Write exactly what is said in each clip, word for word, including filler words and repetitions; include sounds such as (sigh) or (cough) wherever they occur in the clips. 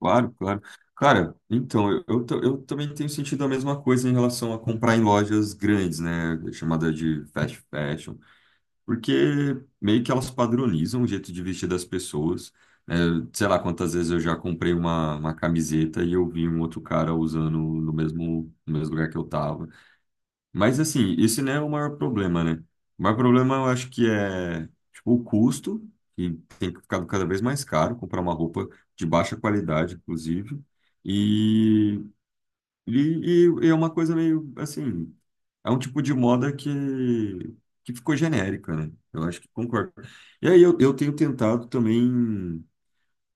Claro, claro. Cara, então, eu, eu, ta- eu também tenho sentido a mesma coisa em relação a comprar em lojas grandes, né? Chamada de fast fashion. Porque meio que elas padronizam o jeito de vestir das pessoas, né? Sei lá quantas vezes eu já comprei uma, uma camiseta e eu vi um outro cara usando no mesmo, no mesmo lugar que eu tava. Mas assim, esse não é o maior problema, né? O maior problema eu acho que é, tipo, o custo, que tem ficado cada vez mais caro comprar uma roupa de baixa qualidade, inclusive. E, e, e é uma coisa meio assim, é um tipo de moda que, que ficou genérica, né? Eu acho que concordo. E aí eu, eu tenho tentado também.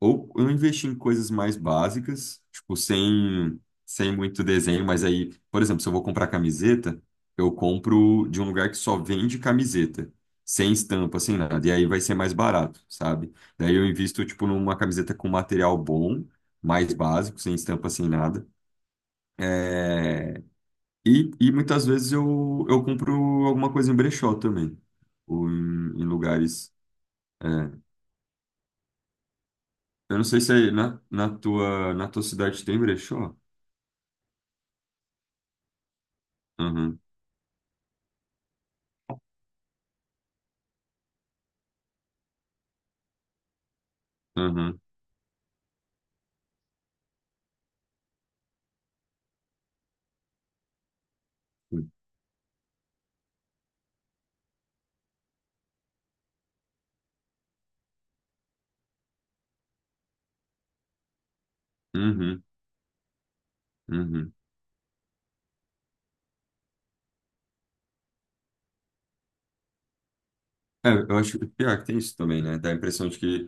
Ou eu investi em coisas mais básicas, tipo, sem, sem muito desenho. Mas aí, por exemplo, se eu vou comprar camiseta, eu compro de um lugar que só vende camiseta, sem estampa, sem nada, e aí vai ser mais barato, sabe? Daí eu invisto, tipo, numa camiseta com material bom, mais básico, sem estampa, sem nada. É, E e muitas vezes eu, eu compro alguma coisa em brechó também, ou em, em lugares. É. Eu não sei se aí na, na tua, na tua cidade tem brechó. Uhum, uhum, uhum, uhum. É, eu acho que pior é que tem isso também, né? Dá a impressão de que...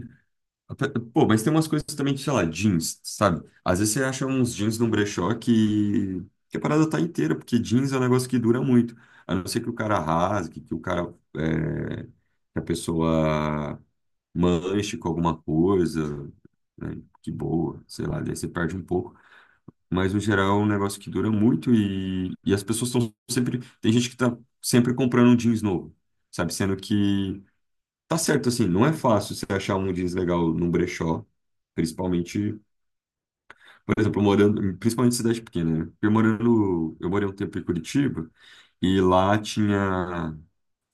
Pô, mas tem umas coisas também, de, sei lá, jeans, sabe? Às vezes você acha uns jeans num brechó que, que a parada tá inteira, porque jeans é um negócio que dura muito. A não ser que o cara rasgue, que o cara. É, que a pessoa manche com alguma coisa, né? Que boa, sei lá, daí você perde um pouco. Mas, no geral, é um negócio que dura muito e, e as pessoas estão sempre... Tem gente que está sempre comprando um jeans novo, sabe? Sendo que, tá certo, assim, não é fácil você achar um jeans legal num brechó, principalmente, por exemplo, morando, principalmente em cidade pequena, né? Eu morando, eu morei um tempo em Curitiba e lá tinha,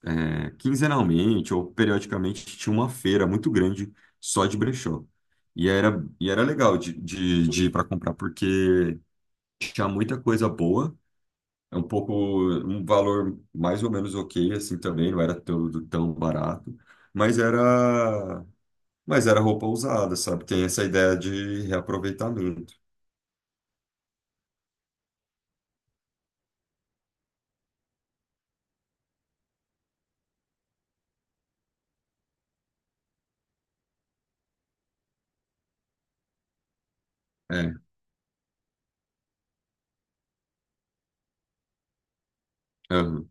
é, quinzenalmente ou periodicamente, tinha uma feira muito grande só de brechó. E era, e era legal de, de, de ir para comprar, porque tinha muita coisa boa. É um pouco um valor mais ou menos ok, assim também, não era tão, tão barato, mas era, mas era roupa usada, sabe? Tem essa ideia de reaproveitamento. É, aham,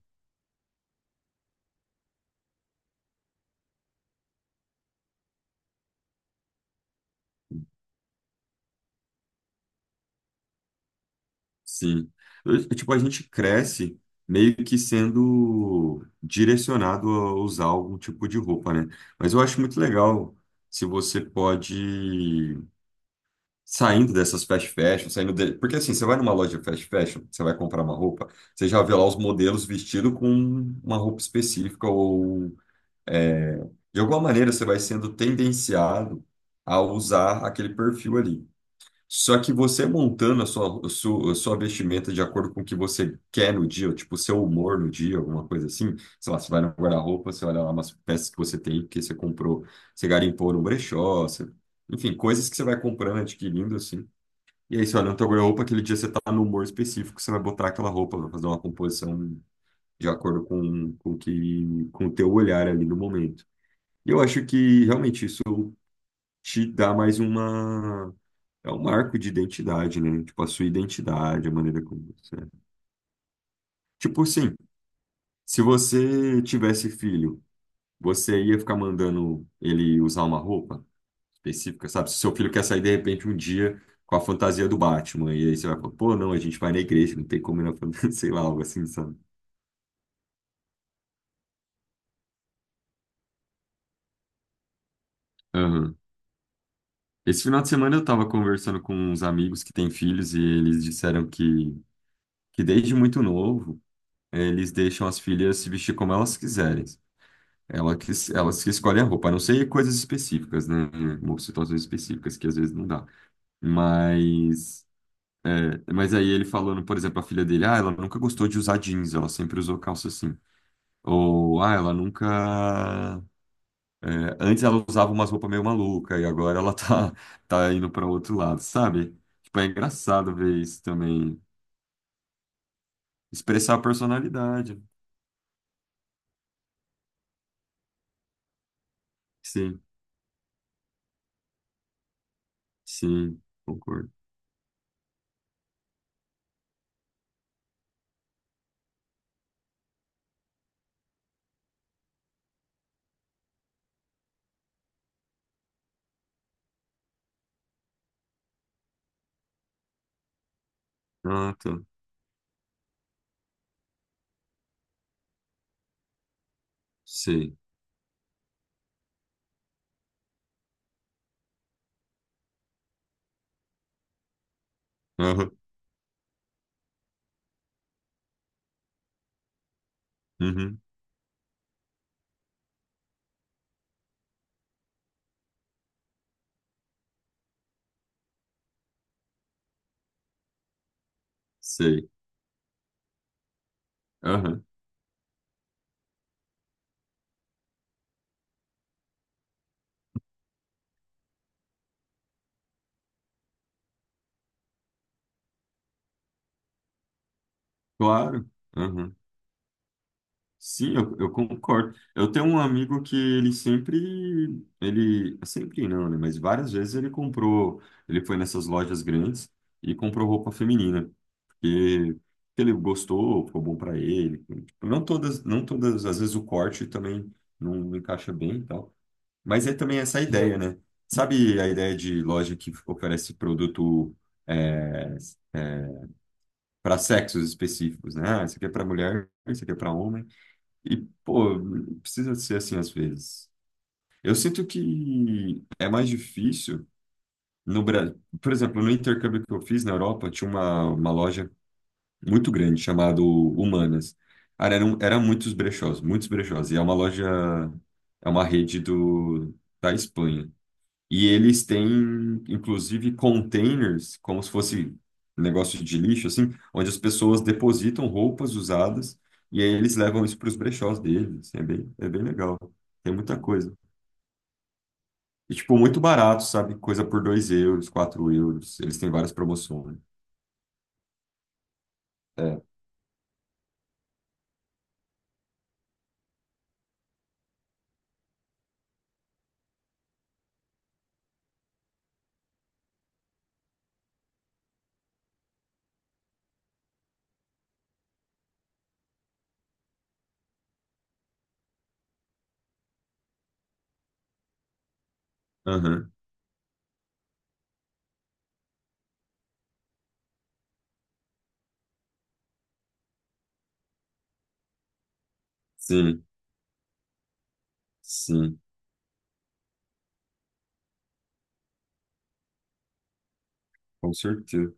sim. Eu- tipo, a gente cresce meio que sendo direcionado a usar algum tipo de roupa, né? Mas eu acho muito legal se você pode, saindo dessas fast fashion, saindo de... Porque assim, você vai numa loja fast fashion, você vai comprar uma roupa, você já vê lá os modelos vestidos com uma roupa específica ou, é, de alguma maneira você vai sendo tendenciado a usar aquele perfil ali. Só que você montando a sua, a sua, a sua vestimenta de acordo com o que você quer no dia, ou, tipo, o seu humor no dia, alguma coisa assim. Sei lá, você vai no guarda-roupa, você olha lá umas peças que você tem, que você comprou, você garimpou no brechó, você, enfim, coisas que você vai comprando, adquirindo, assim. E é isso, olha, na tua roupa, aquele dia você tá no humor específico, você vai botar aquela roupa, vai fazer uma composição de acordo com, com o que, com o teu olhar ali no momento. E eu acho que realmente isso te dá mais uma, é um marco de identidade, né? Tipo, a sua identidade, a maneira como você é. Tipo assim, se você tivesse filho, você ia ficar mandando ele usar uma roupa específica, sabe? Se seu filho quer sair de repente um dia com a fantasia do Batman, e aí você vai falar, pô, não, a gente vai na igreja, não tem como ir na fantasia, (laughs) sei lá, algo assim, sabe? Aham. Esse final de semana eu tava conversando com uns amigos que têm filhos e eles disseram que, que desde muito novo, eh, eles deixam as filhas se vestir como elas quiserem. Ela que, elas que escolhem a roupa, a não ser coisas específicas, né? Ou situações específicas que às vezes não dá. Mas, é, mas aí ele falando, por exemplo, a filha dele, ah, ela nunca gostou de usar jeans, ela sempre usou calça assim. Ou, ah, ela nunca. É, antes ela usava umas roupas meio maluca e agora ela tá, (laughs) tá indo para outro lado, sabe? Tipo, é engraçado ver isso também. Expressar a personalidade. Sim, sim, concordo. Ah, tá. Sei. Aham, uhum, sei. Aham, claro. Aham. Sim, eu, eu concordo. Eu tenho um amigo que ele sempre, ele, sempre não, né? Mas várias vezes ele comprou, ele foi nessas lojas grandes e comprou roupa feminina, porque, porque ele gostou, ficou bom para ele. Tipo, não todas, não todas, às vezes o corte também não encaixa bem e tal. Mas é também essa ideia, né? Sabe a ideia de loja que oferece produto para sexos específicos, né? Ah, isso aqui é para mulher, isso aqui é para homem. E, pô, precisa ser assim às vezes. Eu sinto que é mais difícil no Brasil. Por exemplo, no intercâmbio que eu fiz na Europa, tinha uma, uma loja muito grande chamada Humanas. Cara, eram, eram muitos brechós, muitos brechós. E é uma loja, é uma rede do, da Espanha. E eles têm, inclusive, containers, como se fosse um negócio de lixo, assim, onde as pessoas depositam roupas usadas e aí eles levam isso para os brechós deles. Assim, é bem, é bem legal. Tem muita coisa. E, tipo, muito barato, sabe? Coisa por dois euros, quatro euros. Eles têm várias promoções. É. Aham. Sim, sim. Com certeza.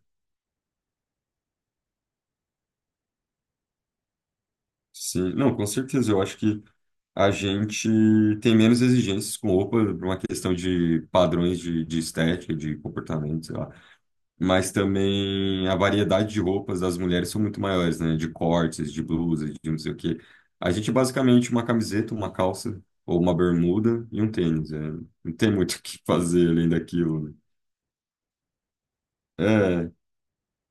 Sim, não, com certeza. Eu acho que a gente tem menos exigências com roupa por uma questão de padrões de, de estética, de comportamento, sei lá. Mas também a variedade de roupas das mulheres são muito maiores, né? De cortes, de blusas, de não sei o quê. A gente basicamente uma camiseta, uma calça ou uma bermuda e um tênis. É. Não tem muito o que fazer além daquilo, né? É,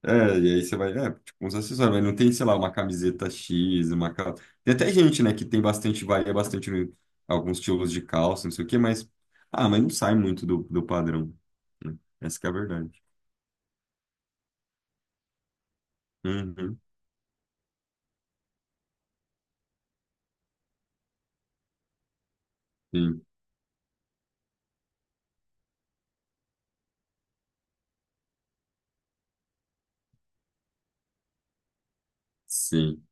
é, e aí você vai, é, tipo, uns acessórios, mas não tem, sei lá, uma camiseta X, uma calça. Tem até gente, né, que tem bastante, varia bastante no- alguns estilos de calça, não sei o quê, mas, ah, mas não sai muito do, do padrão. Né? Essa que é a verdade. Uhum, sim, sim.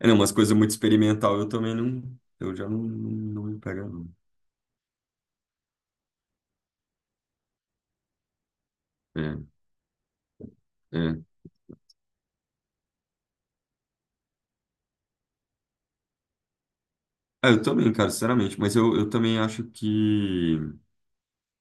É, não, umas coisas muito experimental eu também não, eu já não, não me pego, não. É, é. Ah, eu também, cara, sinceramente, mas eu, eu também acho que,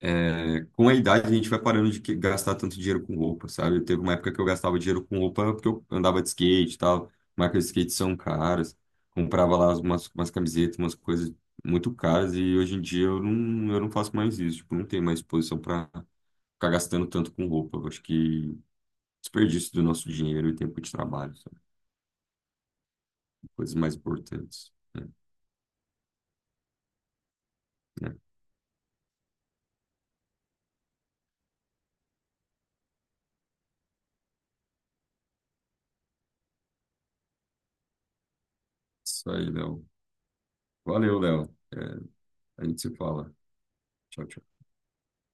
é, com a idade, a gente vai parando de que- gastar tanto dinheiro com roupa, sabe? Teve uma época que eu gastava dinheiro com roupa porque eu andava de skate e tal. Marcas de skate são caras. Comprava lá umas, umas camisetas, umas coisas muito caras. E hoje em dia eu não, eu não faço mais isso. Tipo, não tenho mais disposição para ficar gastando tanto com roupa. Eu acho que desperdício do nosso dinheiro e tempo de trabalho, sabe? Coisas mais importantes. Né? É, isso aí, Léo. Valeu, Léo. É, a gente se fala. Tchau, tchau.